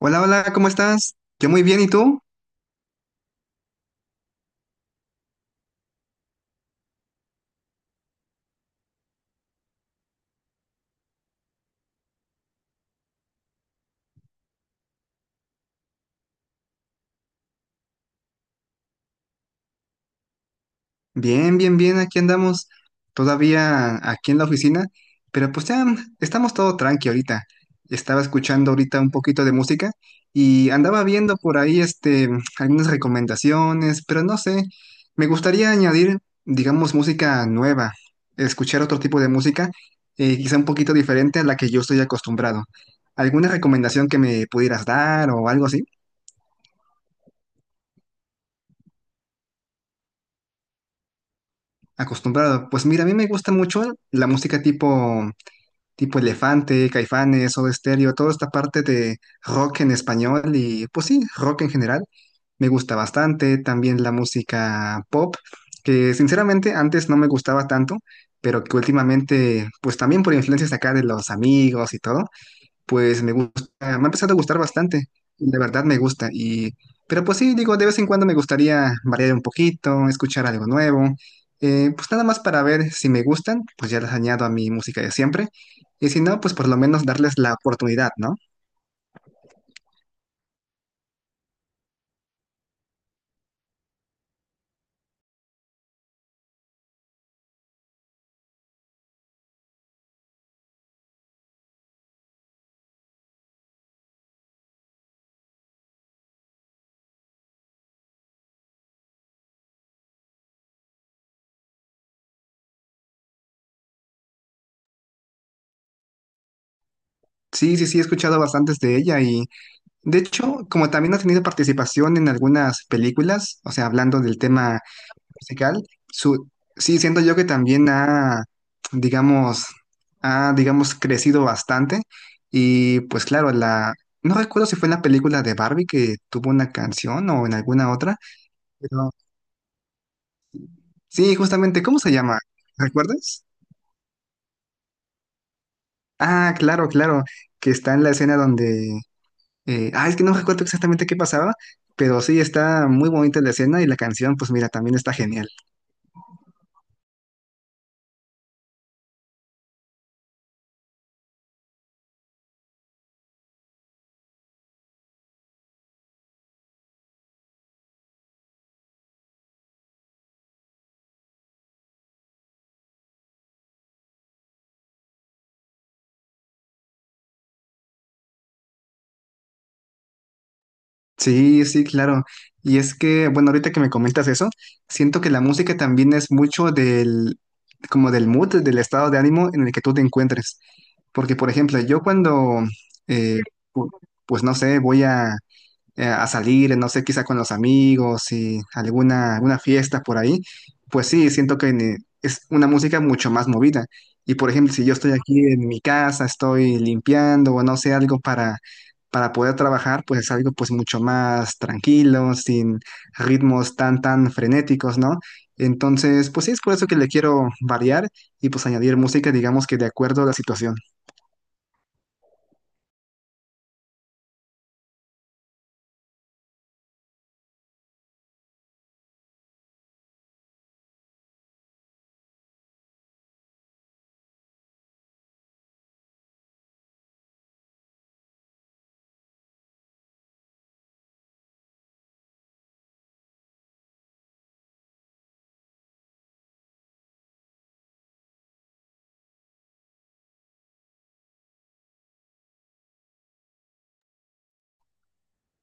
Hola, hola, ¿cómo estás? Yo muy bien, ¿y tú? Bien, bien, bien, aquí andamos todavía aquí en la oficina, pero pues ya estamos todo tranqui ahorita. Estaba escuchando ahorita un poquito de música y andaba viendo por ahí algunas recomendaciones, pero no sé, me gustaría añadir, digamos, música nueva, escuchar otro tipo de música, quizá un poquito diferente a la que yo estoy acostumbrado. ¿Alguna recomendación que me pudieras dar o algo así? Acostumbrado. Pues mira, a mí me gusta mucho la música tipo Elefante, Caifanes, Soda Stereo, toda esta parte de rock en español y pues sí, rock en general. Me gusta bastante. También la música pop, que sinceramente antes no me gustaba tanto, pero que últimamente, pues también por influencias acá de los amigos y todo, pues me gusta, me ha empezado a gustar bastante, de verdad me gusta. Y, pero pues sí, digo, de vez en cuando me gustaría variar un poquito, escuchar algo nuevo, pues nada más para ver si me gustan, pues ya las añado a mi música de siempre. Y si no, pues por lo menos darles la oportunidad, ¿no? Sí, sí, sí, he escuchado bastantes de ella y de hecho, como también ha tenido participación en algunas películas, o sea, hablando del tema musical, su, sí, siento yo que también digamos, ha, digamos, crecido bastante. Y pues claro, la, no recuerdo si fue en la película de Barbie que tuvo una canción o en alguna otra, pero sí, justamente, ¿cómo se llama? ¿Recuerdas? Ah, claro, claro, que está en la escena donde, es que no recuerdo exactamente qué pasaba, pero sí, está muy bonita la escena y la canción, pues mira, también está genial. Sí, sí, claro. Y es que, bueno, ahorita que me comentas eso, siento que la música también es mucho del, como del mood, del estado de ánimo en el que tú te encuentres. Porque, por ejemplo, yo cuando, eh, pu- pues no sé, voy a salir, no sé, quizá con los amigos y alguna, alguna fiesta por ahí, pues sí, siento que es una música mucho más movida. Y por ejemplo, si yo estoy aquí en mi casa, estoy limpiando o no sé, algo para poder trabajar, pues es algo pues mucho más tranquilo, sin ritmos tan, tan frenéticos, ¿no? Entonces, pues sí, es por eso que le quiero variar y pues añadir música, digamos que de acuerdo a la situación.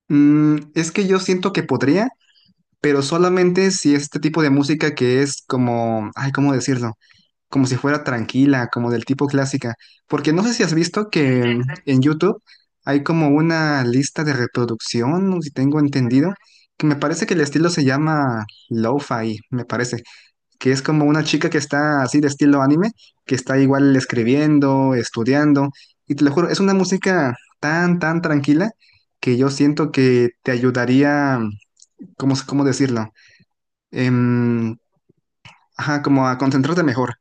Mm, es que yo siento que podría, pero solamente si este tipo de música que es como, ay, ¿cómo decirlo? Como si fuera tranquila, como del tipo clásica. Porque no sé si has visto que en YouTube hay como una lista de reproducción, ¿no? Si tengo entendido, que me parece que el estilo se llama lo-fi, me parece que es como una chica que está así de estilo anime, que está igual escribiendo, estudiando, y te lo juro, es una música tan, tan tranquila que yo siento que te ayudaría, ¿cómo, cómo decirlo? Em, ajá, como a concentrarte mejor.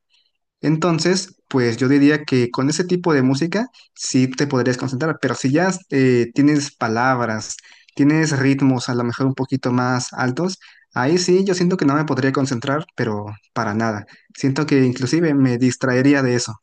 Entonces, pues yo diría que con ese tipo de música sí te podrías concentrar, pero si ya tienes palabras, tienes ritmos a lo mejor un poquito más altos, ahí sí yo siento que no me podría concentrar, pero para nada. Siento que inclusive me distraería de eso.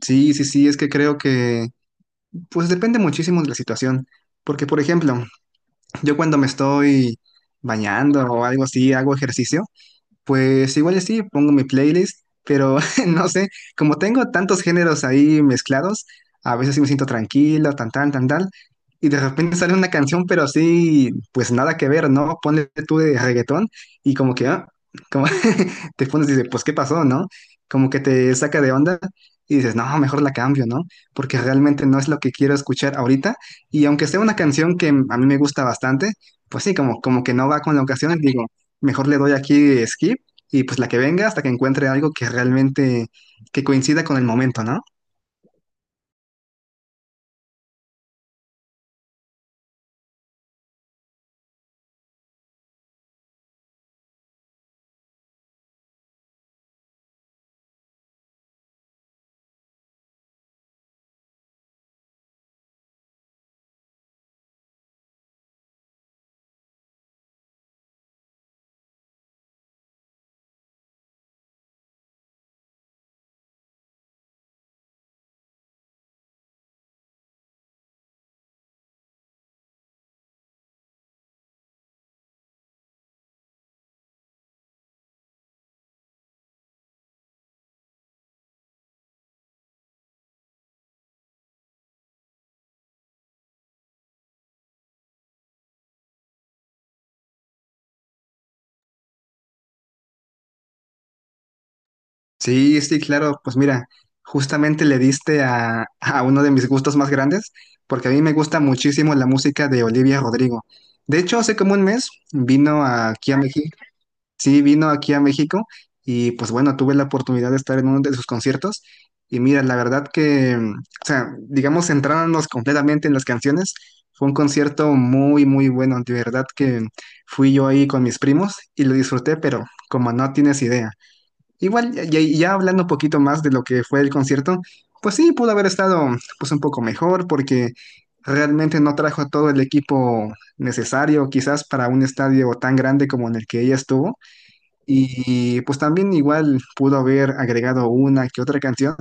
Sí, sí, sí, es que creo que pues depende muchísimo de la situación, porque por ejemplo, yo cuando me estoy bañando o algo así, hago ejercicio. Pues igual y sí, pongo mi playlist, pero no sé, como tengo tantos géneros ahí mezclados, a veces sí me siento tranquilo, tan tan, tan tal, y de repente sale una canción, pero sí pues nada que ver, ¿no? Ponle tú de reggaetón y como que, ah, te pones y dices, pues, ¿qué pasó, no? Como que te saca de onda y dices, no, mejor la cambio, ¿no? Porque realmente no es lo que quiero escuchar ahorita. Y aunque sea una canción que a mí me gusta bastante, pues sí, como, como que no va con la ocasión, digo, mejor le doy aquí skip y pues la que venga hasta que encuentre algo que realmente, que coincida con el momento, ¿no? Sí, sí, claro. Pues mira, justamente le diste a uno de mis gustos más grandes, porque a mí me gusta muchísimo la música de Olivia Rodrigo. De hecho, hace como un mes vino aquí a México. Sí, vino aquí a México y pues bueno, tuve la oportunidad de estar en uno de sus conciertos. Y mira, la verdad que, mm, o sea, digamos, centrándonos completamente en las canciones, fue un concierto muy, muy bueno. De verdad que fui yo ahí con mis primos y lo disfruté, pero como no tienes idea. Igual, ya, ya hablando un poquito más de lo que fue el concierto, pues sí, pudo haber estado pues un poco mejor porque realmente no trajo todo el equipo necesario quizás para un estadio tan grande como en el que ella estuvo. Y pues también igual pudo haber agregado una que otra canción,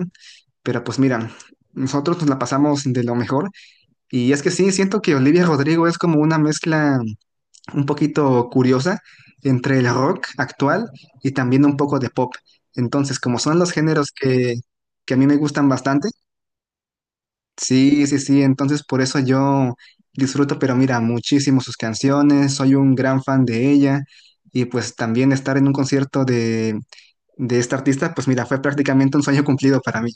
pero pues mira, nosotros nos la pasamos de lo mejor. Y es que sí, siento que Olivia Rodrigo es como una mezcla un poquito curiosa entre el rock actual y también un poco de pop. Entonces, como son los géneros que a mí me gustan bastante, sí, sí, sí, entonces por eso yo disfruto, pero mira, muchísimo sus canciones, soy un gran fan de ella y pues también estar en un concierto de esta artista, pues mira, fue prácticamente un sueño cumplido para mí.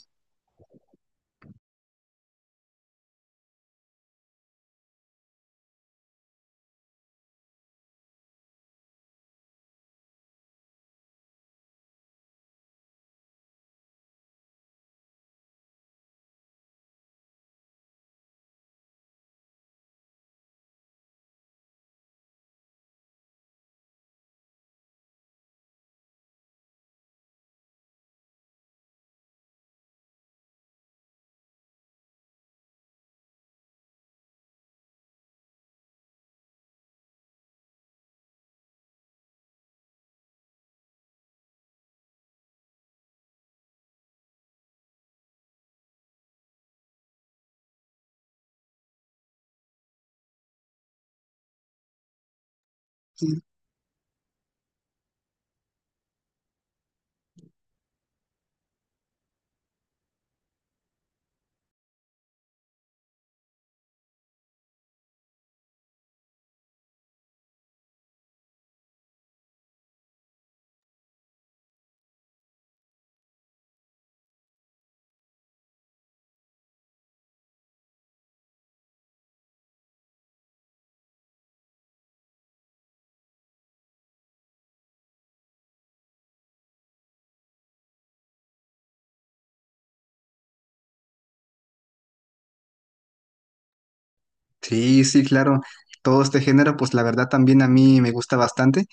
Sí, sí, claro. Todo este género, pues la verdad también a mí me gusta bastante.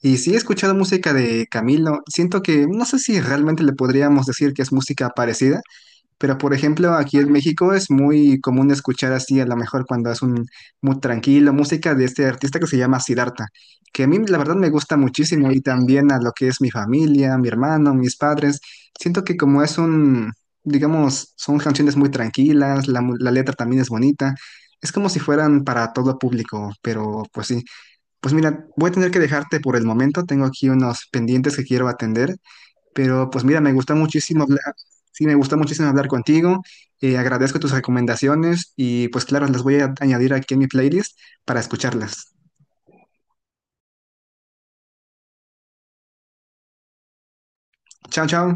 Y sí he escuchado música de Camilo. Siento que, no sé si realmente le podríamos decir que es música parecida, pero, por ejemplo, aquí en México es muy común escuchar así, a lo mejor cuando es un muy tranquilo, música de este artista que se llama Siddhartha, que a mí la verdad me gusta muchísimo y también a lo que es mi familia, mi hermano, mis padres. Siento que como es un, digamos, son canciones muy tranquilas, la, la letra también es bonita, es como si fueran para todo público, pero pues sí. Pues mira, voy a tener que dejarte por el momento, tengo aquí unos pendientes que quiero atender. Pero pues mira, me gusta muchísimo hablar, sí, me gusta muchísimo hablar contigo. Agradezco tus recomendaciones y pues claro, las voy a añadir aquí en mi playlist para escucharlas. Chao, chao.